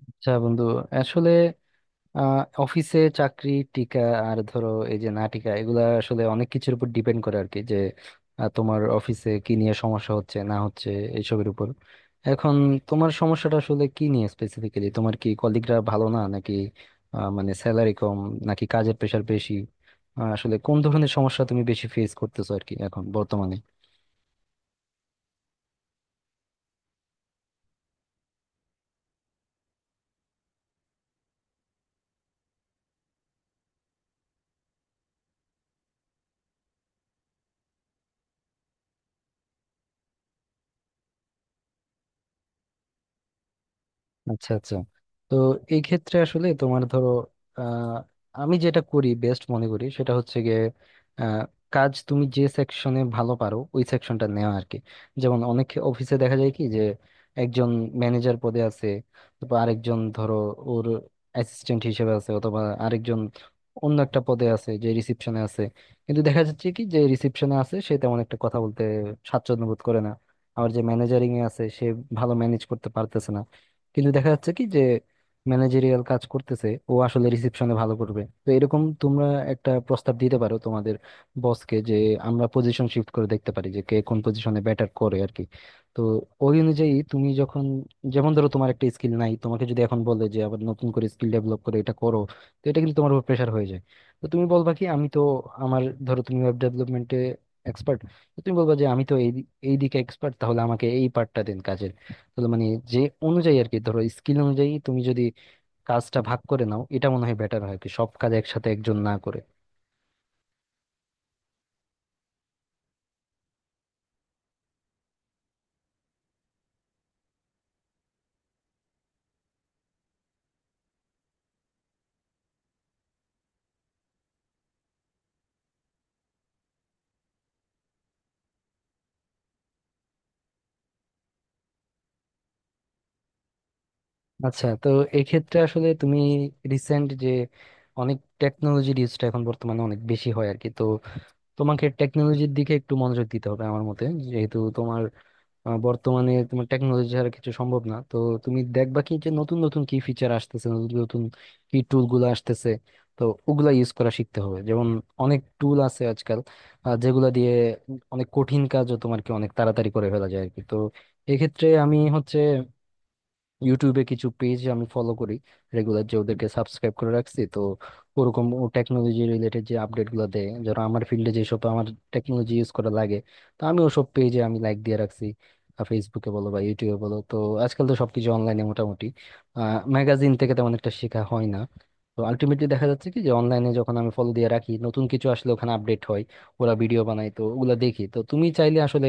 আচ্ছা বন্ধু। আসলে আহ অফিসে চাকরি টিকা আর ধরো এই যে না টিকা এগুলা আসলে অনেক কিছুর উপর ডিপেন্ড করে আর কি। যে তোমার অফিসে কি নিয়ে সমস্যা হচ্ছে না হচ্ছে এইসবের উপর। এখন তোমার সমস্যাটা আসলে কি নিয়ে স্পেসিফিক্যালি? তোমার কি কলিগরা ভালো না, নাকি মানে স্যালারি কম, নাকি কাজের প্রেশার বেশি? আসলে কোন ধরনের সমস্যা তুমি বেশি ফেস করতেছো আর কি এখন বর্তমানে? আচ্ছা আচ্ছা। তো এই ক্ষেত্রে আসলে তোমার ধরো, আহ, আমি যেটা করি বেস্ট মনে করি সেটা হচ্ছে গিয়ে, আহ, কাজ তুমি যে সেকশনে ভালো পারো ওই সেকশনটা নেওয়া আর কি। যেমন অনেক অফিসে দেখা যায় কি, যে একজন ম্যানেজার পদে আছে, বা আরেকজন ধরো ওর অ্যাসিস্ট্যান্ট হিসেবে আছে, অথবা আরেকজন অন্য একটা পদে আছে যে রিসিপশনে আছে। কিন্তু দেখা যাচ্ছে কি যে রিসিপশনে আছে সে তেমন একটা কথা বলতে স্বাচ্ছন্দ্য বোধ করে না। আবার যে ম্যানেজারিং এ আছে সে ভালো ম্যানেজ করতে পারতেছে না। কিন্তু দেখা যাচ্ছে কি যে ম্যানেজেরিয়াল কাজ করতেছে ও আসলে রিসেপশনে ভালো করবে। তো এরকম তোমরা একটা প্রস্তাব দিতে পারো তোমাদের বসকে, যে আমরা পজিশন শিফট করে দেখতে পারি যে কে কোন পজিশনে ব্যাটার করে আর কি। তো ওই অনুযায়ী তুমি যখন, যেমন ধরো তোমার একটা স্কিল নাই, তোমাকে যদি এখন বলে যে আবার নতুন করে স্কিল ডেভেলপ করে এটা করো, তো এটা কিন্তু তোমার উপর প্রেশার হয়ে যায়। তো তুমি বলবা কি আমি তো, আমার ধরো তুমি ওয়েব ডেভেলপমেন্টে এক্সপার্ট, তুমি বলবা যে আমি তো এই দিকে এক্সপার্ট, তাহলে আমাকে এই পার্টটা দিন কাজের। তাহলে মানে যে অনুযায়ী আর কি, ধরো স্কিল অনুযায়ী তুমি যদি কাজটা ভাগ করে নাও, এটা মনে হয় বেটার হয় আর কি, সব কাজ একসাথে একজন না করে। আচ্ছা। তো এক্ষেত্রে আসলে তুমি রিসেন্ট যে অনেক টেকনোলজির ইউজটা এখন বর্তমানে অনেক বেশি হয় আর কি, তো তোমাকে টেকনোলজির দিকে একটু মনোযোগ দিতে হবে আমার মতে। যেহেতু তোমার বর্তমানে তোমার টেকনোলজি ছাড়া কিছু সম্ভব না। তো তুমি দেখবা কি যে নতুন নতুন কি ফিচার আসতেছে, নতুন নতুন কি টুল গুলো আসতেছে, তো ওগুলা ইউজ করা শিখতে হবে। যেমন অনেক টুল আছে আজকাল, যেগুলা দিয়ে অনেক কঠিন কাজও তোমার কি অনেক তাড়াতাড়ি করে ফেলা যায় আর কি। তো এক্ষেত্রে আমি হচ্ছে ইউটিউবে কিছু পেজ আমি ফলো করি রেগুলার, যে ওদেরকে সাবস্ক্রাইব করে রাখছি। তো ওরকম ও টেকনোলজি রিলেটেড যে আপডেট গুলো দেয় যারা, আমার ফিল্ডে যেসব আমার টেকনোলজি ইউজ করা লাগে, তো আমি ওসব পেজে আমি লাইক দিয়ে রাখছি, ফেসবুকে বলো বা ইউটিউবে বলো। তো আজকাল তো সবকিছু অনলাইনে মোটামুটি, ম্যাগাজিন থেকে তেমন একটা শেখা হয় না। তো আলটিমেটলি দেখা যাচ্ছে কি যে অনলাইনে যখন আমি ফলো দিয়ে রাখি, নতুন কিছু আসলে ওখানে আপডেট হয়, ওরা ভিডিও বানায়, তো ওগুলা দেখি। তো তুমি চাইলে আসলে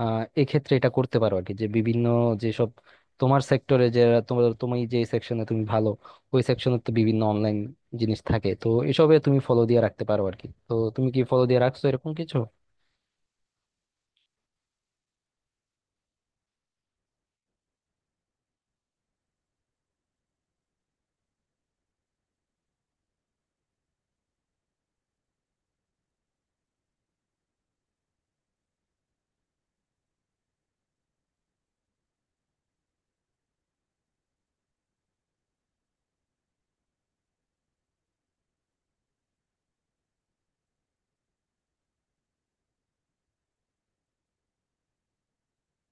এক্ষেত্রে এটা করতে পারো আর কি, যে বিভিন্ন যেসব তোমার সেক্টরে, যে তোমার তুমি যে সেকশনে তুমি ভালো, ওই সেকশনে তো বিভিন্ন অনলাইন জিনিস থাকে, তো এসবে তুমি ফলো দিয়ে রাখতে পারো আর কি। তো তুমি কি ফলো দিয়ে রাখছো এরকম কিছু?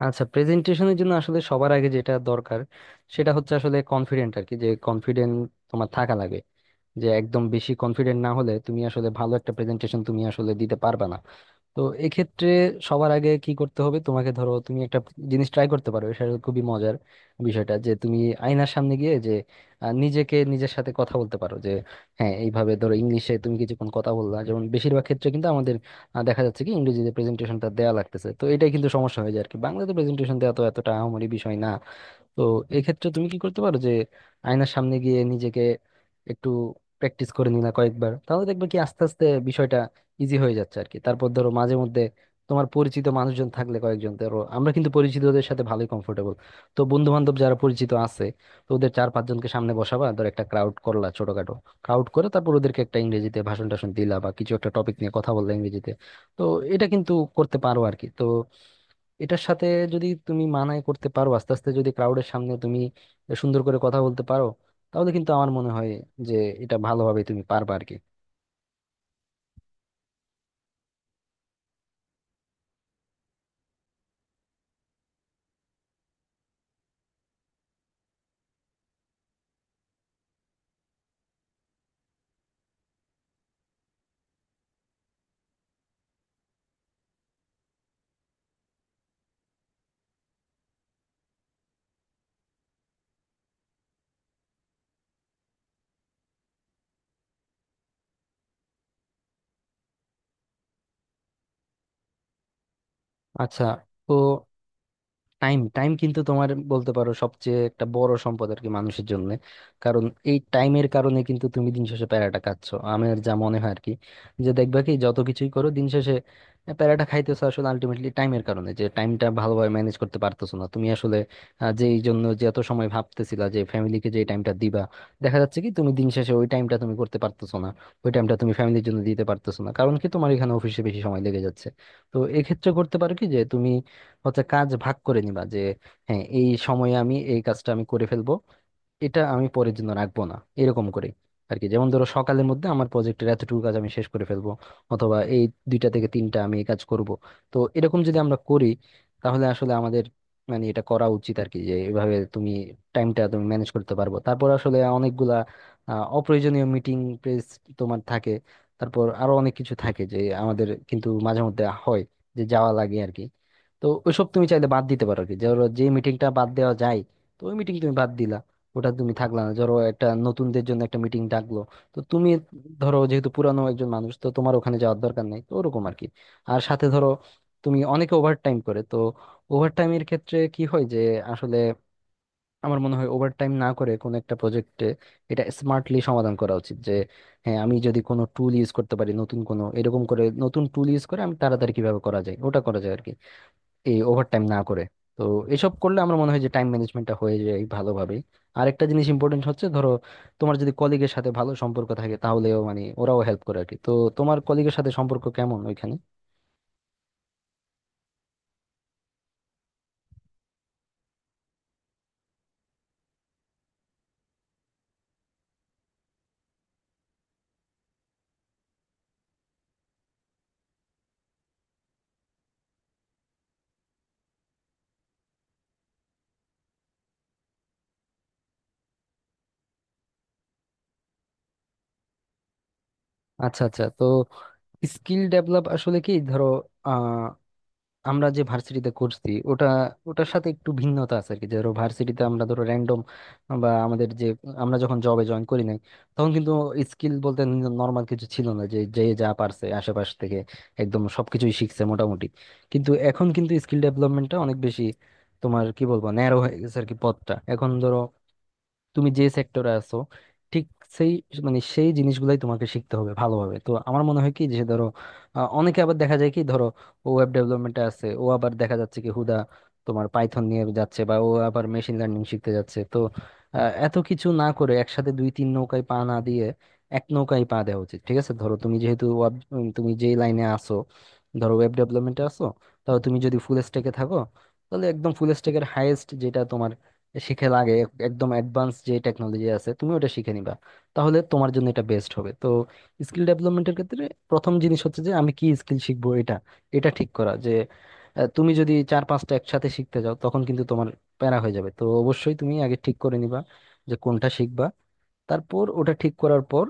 আচ্ছা। প্রেজেন্টেশনের জন্য আসলে সবার আগে যেটা দরকার সেটা হচ্ছে আসলে কনফিডেন্ট আর কি। যে কনফিডেন্ট তোমার থাকা লাগে, যে একদম বেশি কনফিডেন্ট না হলে তুমি আসলে ভালো একটা প্রেজেন্টেশন তুমি আসলে দিতে পারবে না। তো এক্ষেত্রে সবার আগে কি করতে হবে, তোমাকে ধরো তুমি একটা জিনিস ট্রাই করতে পারো, সেটা খুবই মজার বিষয়টা, যে তুমি আয়নার সামনে গিয়ে যে নিজেকে নিজের সাথে কথা বলতে পারো। যে হ্যাঁ, এইভাবে ধরো ইংলিশে তুমি কিছুক্ষণ কথা বললা, যেমন বেশিরভাগ ক্ষেত্রে কিন্তু আমাদের দেখা যাচ্ছে কি ইংরেজিতে প্রেজেন্টেশনটা দেওয়া লাগতেছে, তো এটাই কিন্তু সমস্যা হয়ে যায় আর কি, বাংলাতে প্রেজেন্টেশন দেওয়া তো এতটা আহামরি বিষয় না। তো এক্ষেত্রে তুমি কি করতে পারো, যে আয়নার সামনে গিয়ে নিজেকে একটু প্র্যাকটিস করে নিলা কয়েকবার, তাহলে দেখবে কি আস্তে আস্তে বিষয়টা ইজি হয়ে যাচ্ছে আর কি। তারপর ধরো মাঝে মধ্যে তোমার পরিচিত মানুষজন থাকলে কয়েকজন, ধরো আমরা কিন্তু পরিচিতদের সাথে ভালোই কমফোর্টেবল, তো বন্ধু বান্ধব যারা পরিচিত আছে, তো ওদের চার পাঁচজনকে সামনে বসাবা, ধর একটা ক্রাউড করলা ছোটখাটো, ক্রাউড করে তারপর ওদেরকে একটা ইংরেজিতে ভাষণ টাষণ দিলা বা কিছু একটা টপিক নিয়ে কথা বললা ইংরেজিতে, তো এটা কিন্তু করতে পারো আর কি। তো এটার সাথে যদি তুমি মানায় করতে পারো, আস্তে আস্তে যদি ক্রাউডের সামনে তুমি সুন্দর করে কথা বলতে পারো, তাহলে কিন্তু আমার মনে হয় যে এটা ভালোভাবে তুমি পারবে আর কি। আচ্ছা। তো টাইম টাইম কিন্তু তোমার বলতে পারো সবচেয়ে একটা বড় সম্পদ আর কি মানুষের জন্য। কারণ এই টাইমের কারণে কিন্তু তুমি দিন শেষে প্যারাটা খাচ্ছ আমার যা মনে হয় আর কি। যে দেখবা কি যত কিছুই করো দিন শেষে প্যারাটা খাইতেছো আসলে আলটিমেটলি টাইমের কারণে, যে টাইমটা ভালোভাবে ম্যানেজ করতে পারতেছো না তুমি আসলে। যেই জন্য যে এত সময় ভাবতেছিলা যে ফ্যামিলিকে যে টাইমটা দিবা, দেখা যাচ্ছে কি তুমি দিন শেষে ওই টাইমটা তুমি করতে পারতেছো না, ওই টাইমটা তুমি ফ্যামিলির জন্য দিতে পারতেছো না, কারণ কি তোমার এখানে অফিসে বেশি সময় লেগে যাচ্ছে। তো এক্ষেত্রে করতে পারো কি যে তুমি হচ্ছে কাজ ভাগ করে নিবা। যে হ্যাঁ, এই সময়ে আমি এই কাজটা আমি করে ফেলবো, এটা আমি পরের জন্য রাখবো না, এরকম করে আর কি। যেমন ধরো সকালের মধ্যে আমার প্রজেক্টের এতটুকু কাজ আমি শেষ করে ফেলবো, অথবা এই দুইটা থেকে তিনটা আমি এই কাজ করব। তো এরকম যদি আমরা করি তাহলে আসলে আমাদের মানে এটা করা উচিত আর কি, যে এভাবে তুমি টাইমটা তুমি ম্যানেজ করতে পারবো। তারপর আসলে অনেকগুলা অপ্রয়োজনীয় মিটিং প্রেস তোমার থাকে, তারপর আরো অনেক কিছু থাকে যে আমাদের কিন্তু মাঝে মধ্যে হয় যে যাওয়া লাগে আর কি। তো ওইসব তুমি চাইলে বাদ দিতে পারো আর কি, ধরো যে মিটিংটা বাদ দেওয়া যায়, তো ওই মিটিং তুমি বাদ দিলা, ওটা তুমি থাকলা না, ধরো একটা নতুনদের জন্য একটা মিটিং ডাকলো, তো তুমি ধরো যেহেতু পুরানো একজন মানুষ, তো তোমার ওখানে যাওয়ার দরকার নাই, তো ওরকম আর কি। আর সাথে ধরো তুমি অনেকে ওভার টাইম করে, তো ওভার টাইমের ক্ষেত্রে কি হয় যে আসলে আমার মনে হয় ওভার টাইম না করে কোনো একটা প্রজেক্টে এটা স্মার্টলি সমাধান করা উচিত। যে হ্যাঁ, আমি যদি কোনো টুল ইউজ করতে পারি, নতুন কোনো এরকম করে নতুন টুল ইউজ করে আমি তাড়াতাড়ি কিভাবে করা যায় ওটা করা যায় আর কি। এই ওভারটাইম না করে। তো এসব করলে আমার মনে হয় যে টাইম ম্যানেজমেন্টটা হয়ে যায় ভালোভাবেই। আরেকটা জিনিস ইম্পর্টেন্ট হচ্ছে ধরো তোমার যদি কলিগের সাথে ভালো সম্পর্ক থাকে তাহলেও মানে ওরাও হেল্প করে আর কি। তো তোমার কলিগের সাথে সম্পর্ক কেমন ওইখানে? আচ্ছা আচ্ছা। তো স্কিল ডেভেলপ আসলে কি, ধরো আমরা যে ভার্সিটিতে করছি ওটা, ওটার সাথে একটু ভিন্নতা আছে আর কি। ধরো ভার্সিটিতে আমরা ধরো র্যান্ডম বা আমাদের যে, আমরা যখন জবে জয়েন করি নাই, তখন কিন্তু স্কিল বলতে নর্মাল কিছু ছিল না, যে যে যা পারছে আশেপাশ থেকে একদম সবকিছুই শিখছে মোটামুটি। কিন্তু এখন কিন্তু স্কিল ডেভেলপমেন্টটা অনেক বেশি তোমার কি বলবো ন্যারো হয়ে গেছে আর কি পথটা। এখন ধরো তুমি যে সেক্টরে আছো ঠিক সেই মানে সেই জিনিসগুলাই তোমাকে শিখতে হবে ভালোভাবে। তো আমার মনে হয় কি যে ধরো, অনেকে আবার দেখা যায় কি, ধরো ও ওয়েব ডেভেলপমেন্টে আছে, ও আবার দেখা যাচ্ছে কি হুদা তোমার পাইথন নিয়ে যাচ্ছে, বা ও আবার মেশিন লার্নিং শিখতে যাচ্ছে। তো আহ, এত কিছু না করে, একসাথে দুই তিন নৌকায় পা না দিয়ে এক নৌকায় পা দেওয়া উচিত। ঠিক আছে, ধরো তুমি যেহেতু তুমি যেই লাইনে আসো, ধরো ওয়েব ডেভেলপমেন্টে আসো, তাহলে তুমি যদি ফুল স্ট্যাকে থাকো তাহলে একদম ফুল স্ট্যাকের হাইয়েস্ট যেটা তোমার শিখে লাগে, একদম অ্যাডভান্স যে টেকনোলজি আছে তুমি ওটা শিখে নিবা, তাহলে তোমার জন্য এটা বেস্ট হবে। তো স্কিল ডেভেলপমেন্টের ক্ষেত্রে প্রথম জিনিস হচ্ছে যে আমি কি স্কিল শিখবো, এটা এটা ঠিক করা। যে তুমি যদি চার পাঁচটা একসাথে শিখতে যাও তখন কিন্তু তোমার প্যারা হয়ে যাবে। তো অবশ্যই তুমি আগে ঠিক করে নিবা যে কোনটা শিখবা। তারপর ওটা ঠিক করার পর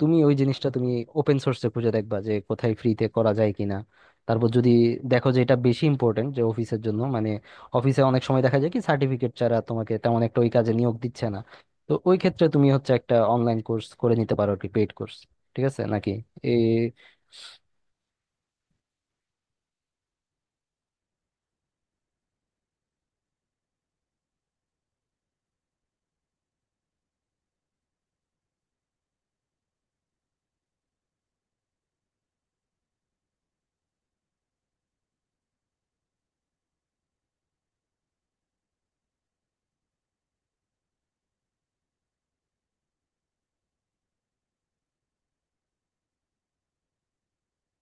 তুমি ওই জিনিসটা তুমি ওপেন সোর্সে খুঁজে দেখবা যে কোথায় ফ্রিতে করা যায় কিনা। তারপর যদি দেখো যে এটা বেশি ইম্পর্টেন্ট যে অফিসের জন্য, মানে অফিসে অনেক সময় দেখা যায় কি সার্টিফিকেট ছাড়া তোমাকে তেমন একটা ওই কাজে নিয়োগ দিচ্ছে না, তো ওই ক্ষেত্রে তুমি হচ্ছে একটা অনলাইন কোর্স করে নিতে পারো আর কি, পেইড কোর্স। ঠিক আছে নাকি?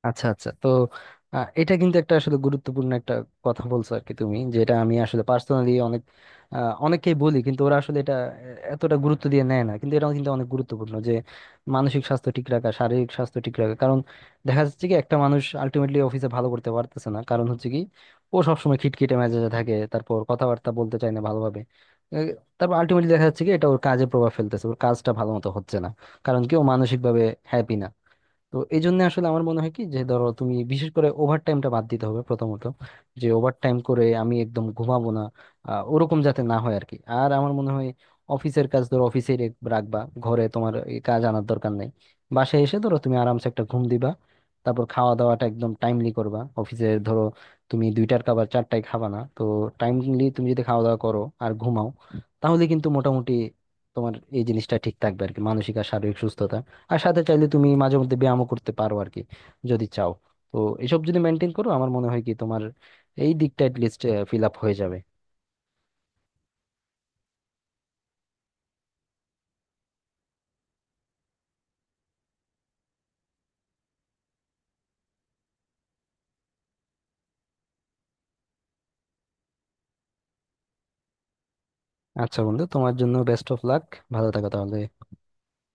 আচ্ছা আচ্ছা। তো এটা কিন্তু একটা আসলে গুরুত্বপূর্ণ একটা কথা বলছো আর কি তুমি, যেটা আমি আসলে পার্সোনালি অনেক অনেককেই বলি, কিন্তু ওরা আসলে এটা এতটা গুরুত্ব দিয়ে নেয় না। কিন্তু এটাও কিন্তু অনেক গুরুত্বপূর্ণ, যে মানসিক স্বাস্থ্য ঠিক রাখা, শারীরিক স্বাস্থ্য ঠিক রাখা। কারণ দেখা যাচ্ছে কি একটা মানুষ আলটিমেটলি অফিসে ভালো করতে পারতেছে না, কারণ হচ্ছে কি ও সবসময় খিটখিটে মেজাজে থাকে, তারপর কথাবার্তা বলতে চায় না ভালোভাবে, আহ, তারপর আলটিমেটলি দেখা যাচ্ছে কি এটা ওর কাজে প্রভাব ফেলতেছে, ওর কাজটা ভালো মতো হচ্ছে না, কারণ কি ও মানসিক ভাবে হ্যাপি না। তো এই জন্য আসলে আমার মনে হয় কি যে ধরো তুমি বিশেষ করে ওভার টাইমটা বাদ দিতে হবে প্রথমত, যে ওভার টাইম করে আমি একদম ঘুমাবো না, ওরকম যাতে না হয় আর কি। আর আমার মনে হয় অফিসের কাজ ধরো অফিসে রাখবা, ঘরে তোমার এই কাজ আনার দরকার নেই। বাসায় এসে ধরো তুমি আরামসে একটা ঘুম দিবা, তারপর খাওয়া দাওয়াটা একদম টাইমলি করবা। অফিসের ধরো তুমি দুইটার খাবার চারটায় খাবা না। তো টাইমলি তুমি যদি খাওয়া দাওয়া করো আর ঘুমাও তাহলে কিন্তু মোটামুটি তোমার এই জিনিসটা ঠিক থাকবে আর কি, মানসিক আর শারীরিক সুস্থতা। আর সাথে চাইলে তুমি মাঝে মধ্যে ব্যায়ামও করতে পারো আর কি, যদি চাও। তো এসব যদি মেনটেন করো আমার মনে হয় কি তোমার এই দিকটা লিস্ট ফিল আপ হয়ে যাবে। আচ্ছা বন্ধু, তোমার জন্য বেস্ট অফ লাক। ভালো থাকো তাহলে।